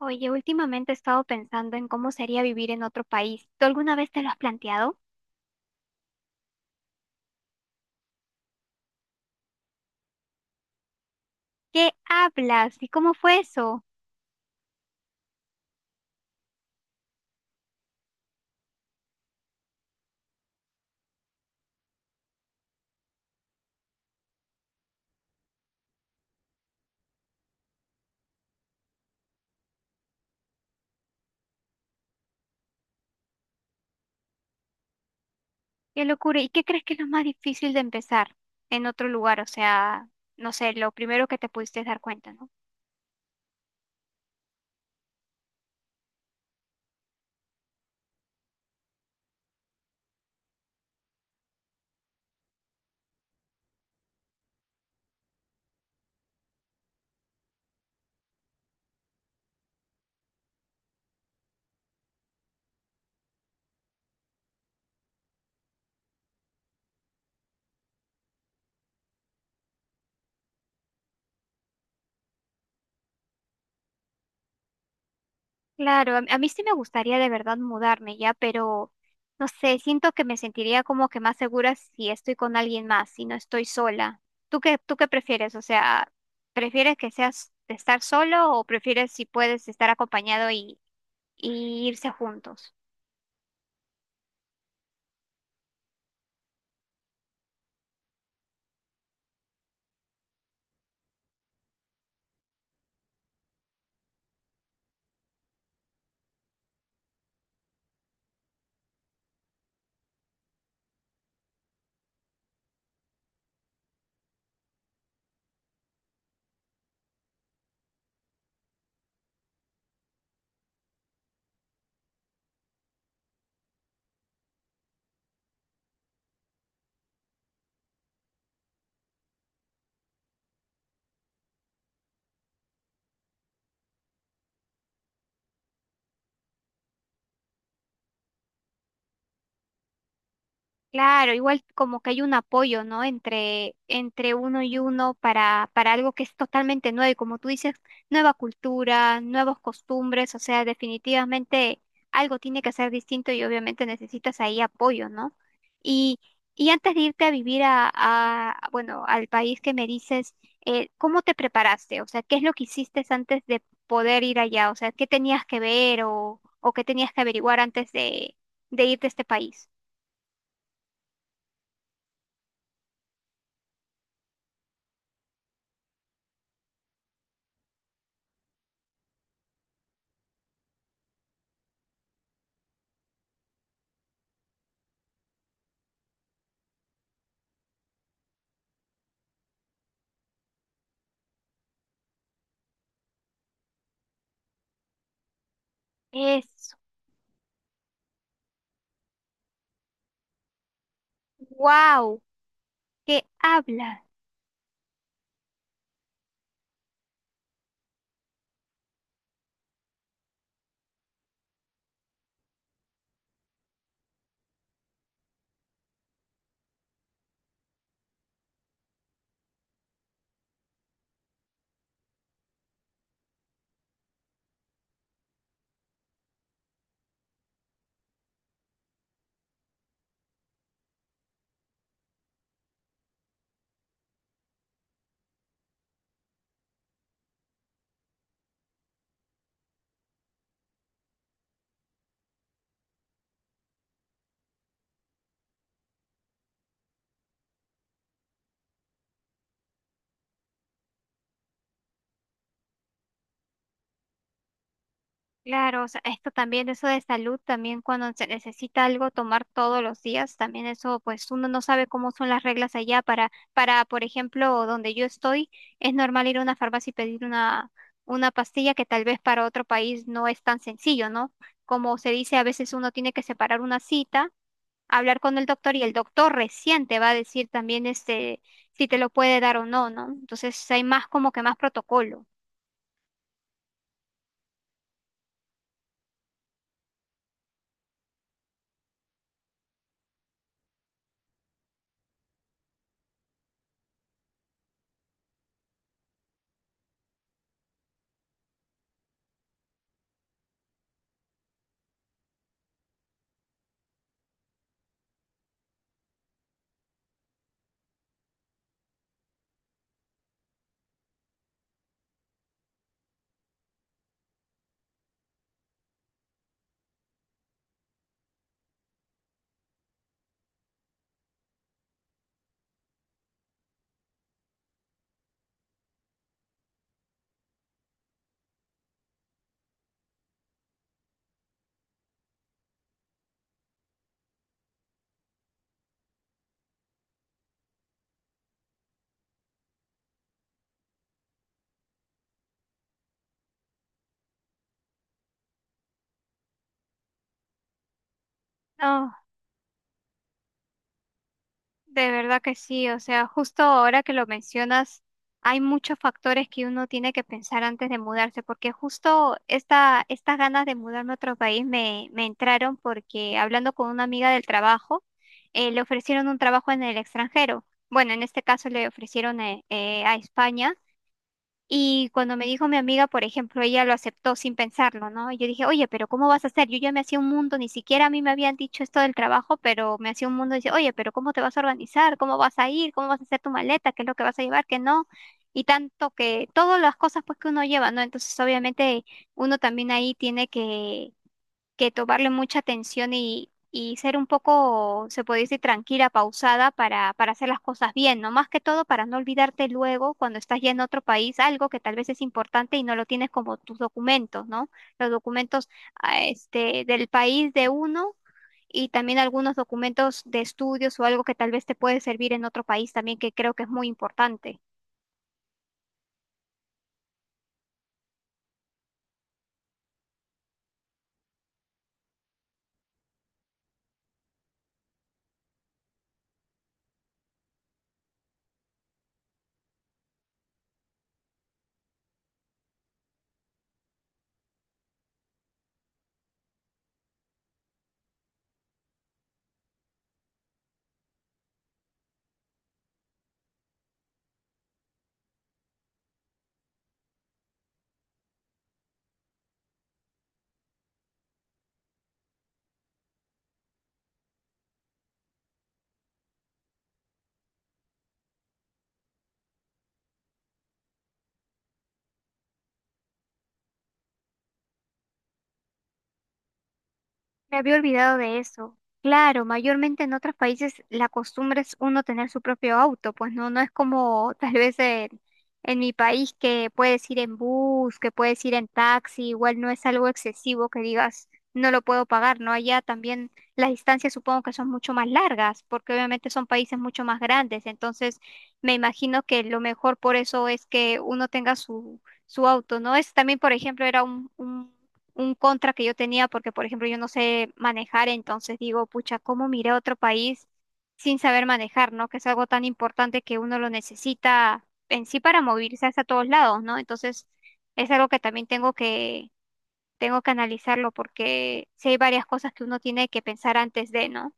Oye, últimamente he estado pensando en cómo sería vivir en otro país. ¿Tú alguna vez te lo has planteado? ¿Qué hablas? ¿Y cómo fue eso? Qué locura. ¿Y qué crees que es lo más difícil de empezar en otro lugar? O sea, no sé, lo primero que te pudiste dar cuenta, ¿no? Claro, a mí sí me gustaría de verdad mudarme ya, pero no sé, siento que me sentiría como que más segura si estoy con alguien más, si no estoy sola. ¿Tú qué prefieres? O sea, ¿prefieres que seas de estar solo o prefieres si puedes estar acompañado y irse juntos? Claro, igual como que hay un apoyo, ¿no? Entre uno y uno para algo que es totalmente nuevo. Y como tú dices, nueva cultura, nuevas costumbres, o sea, definitivamente algo tiene que ser distinto y obviamente necesitas ahí apoyo, ¿no? Y, y antes de irte a vivir bueno, al país que me dices, ¿cómo te preparaste? O sea, ¿qué es lo que hiciste antes de poder ir allá? O sea, ¿qué tenías que ver o qué tenías que averiguar de irte a este país? Eso. Wow, ¿qué habla? Claro, o sea, esto también, eso de salud, también cuando se necesita algo tomar todos los días, también eso, pues uno no sabe cómo son las reglas allá para, por ejemplo, donde yo estoy, es normal ir a una farmacia y pedir una pastilla que tal vez para otro país no es tan sencillo, ¿no? Como se dice, a veces uno tiene que separar una cita, hablar con el doctor y el doctor recién te va a decir también este, si te lo puede dar o no, ¿no? Entonces hay más como que más protocolo. No. De verdad que sí, o sea, justo ahora que lo mencionas, hay muchos factores que uno tiene que pensar antes de mudarse, porque justo estas ganas de mudarme a otro país me entraron porque hablando con una amiga del trabajo, le ofrecieron un trabajo en el extranjero. Bueno, en este caso le ofrecieron a España y cuando me dijo mi amiga, por ejemplo, ella lo aceptó sin pensarlo, ¿no? Y yo dije, oye, pero ¿cómo vas a hacer? Yo ya me hacía un mundo, ni siquiera a mí me habían dicho esto del trabajo, pero me hacía un mundo. Dice, oye, pero ¿cómo te vas a organizar? ¿Cómo vas a ir? ¿Cómo vas a hacer tu maleta? ¿Qué es lo que vas a llevar? ¿Qué no? Y tanto que todas las cosas pues que uno lleva, ¿no? Entonces, obviamente, uno también ahí tiene que tomarle mucha atención y ser un poco, se puede decir, tranquila, pausada para hacer las cosas bien, ¿no? Más que todo para no olvidarte luego cuando estás ya en otro país algo que tal vez es importante y no lo tienes como tus documentos, ¿no? Los documentos del país de uno. Y también algunos documentos de estudios o algo que tal vez te puede servir en otro país también, que creo que es muy importante. Me había olvidado de eso. Claro, mayormente en otros países la costumbre es uno tener su propio auto, pues no, no es como tal vez en mi país que puedes ir en bus, que puedes ir en taxi, igual no es algo excesivo que digas no lo puedo pagar, ¿no? Allá también las distancias supongo que son mucho más largas, porque obviamente son países mucho más grandes, entonces me imagino que lo mejor por eso es que uno tenga su auto, ¿no? Es también, por ejemplo, era un contra que yo tenía, porque por ejemplo yo no sé manejar, entonces digo, pucha, ¿cómo miré a otro país sin saber manejar, ¿no? Que es algo tan importante que uno lo necesita en sí para movilizarse a todos lados, ¿no? Entonces es algo que también tengo que analizarlo, porque sí hay varias cosas que uno tiene que pensar antes de, ¿no?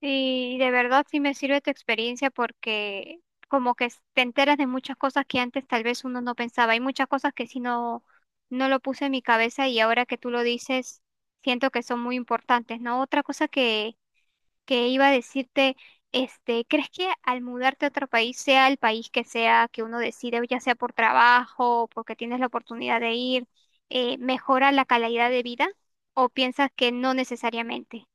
Y de verdad sí me sirve tu experiencia porque como que te enteras de muchas cosas que antes tal vez uno no pensaba. Hay muchas cosas que sí no lo puse en mi cabeza y ahora que tú lo dices, siento que son muy importantes, ¿no? Otra cosa que iba a decirte, este, ¿crees que al mudarte a otro país, sea el país que sea que uno decide, ya sea por trabajo o porque tienes la oportunidad de ir, mejora la calidad de vida o piensas que no necesariamente?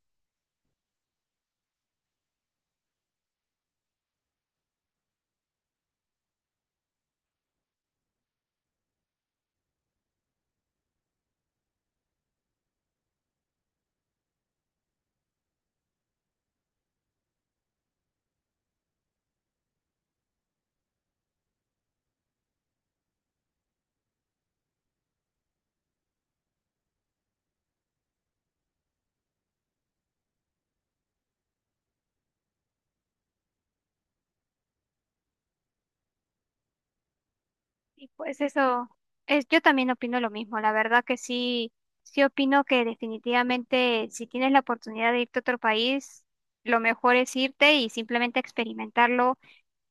Y pues eso, es, yo también opino lo mismo. La verdad que sí, sí opino que definitivamente si tienes la oportunidad de irte a otro país, lo mejor es irte y simplemente experimentarlo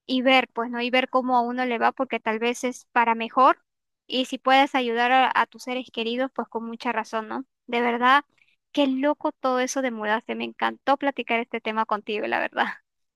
y ver, pues no, y ver cómo a uno le va, porque tal vez es para mejor. Y si puedes ayudar a tus seres queridos, pues con mucha razón, ¿no? De verdad, qué loco todo eso de mudarse. Me encantó platicar este tema contigo, la verdad.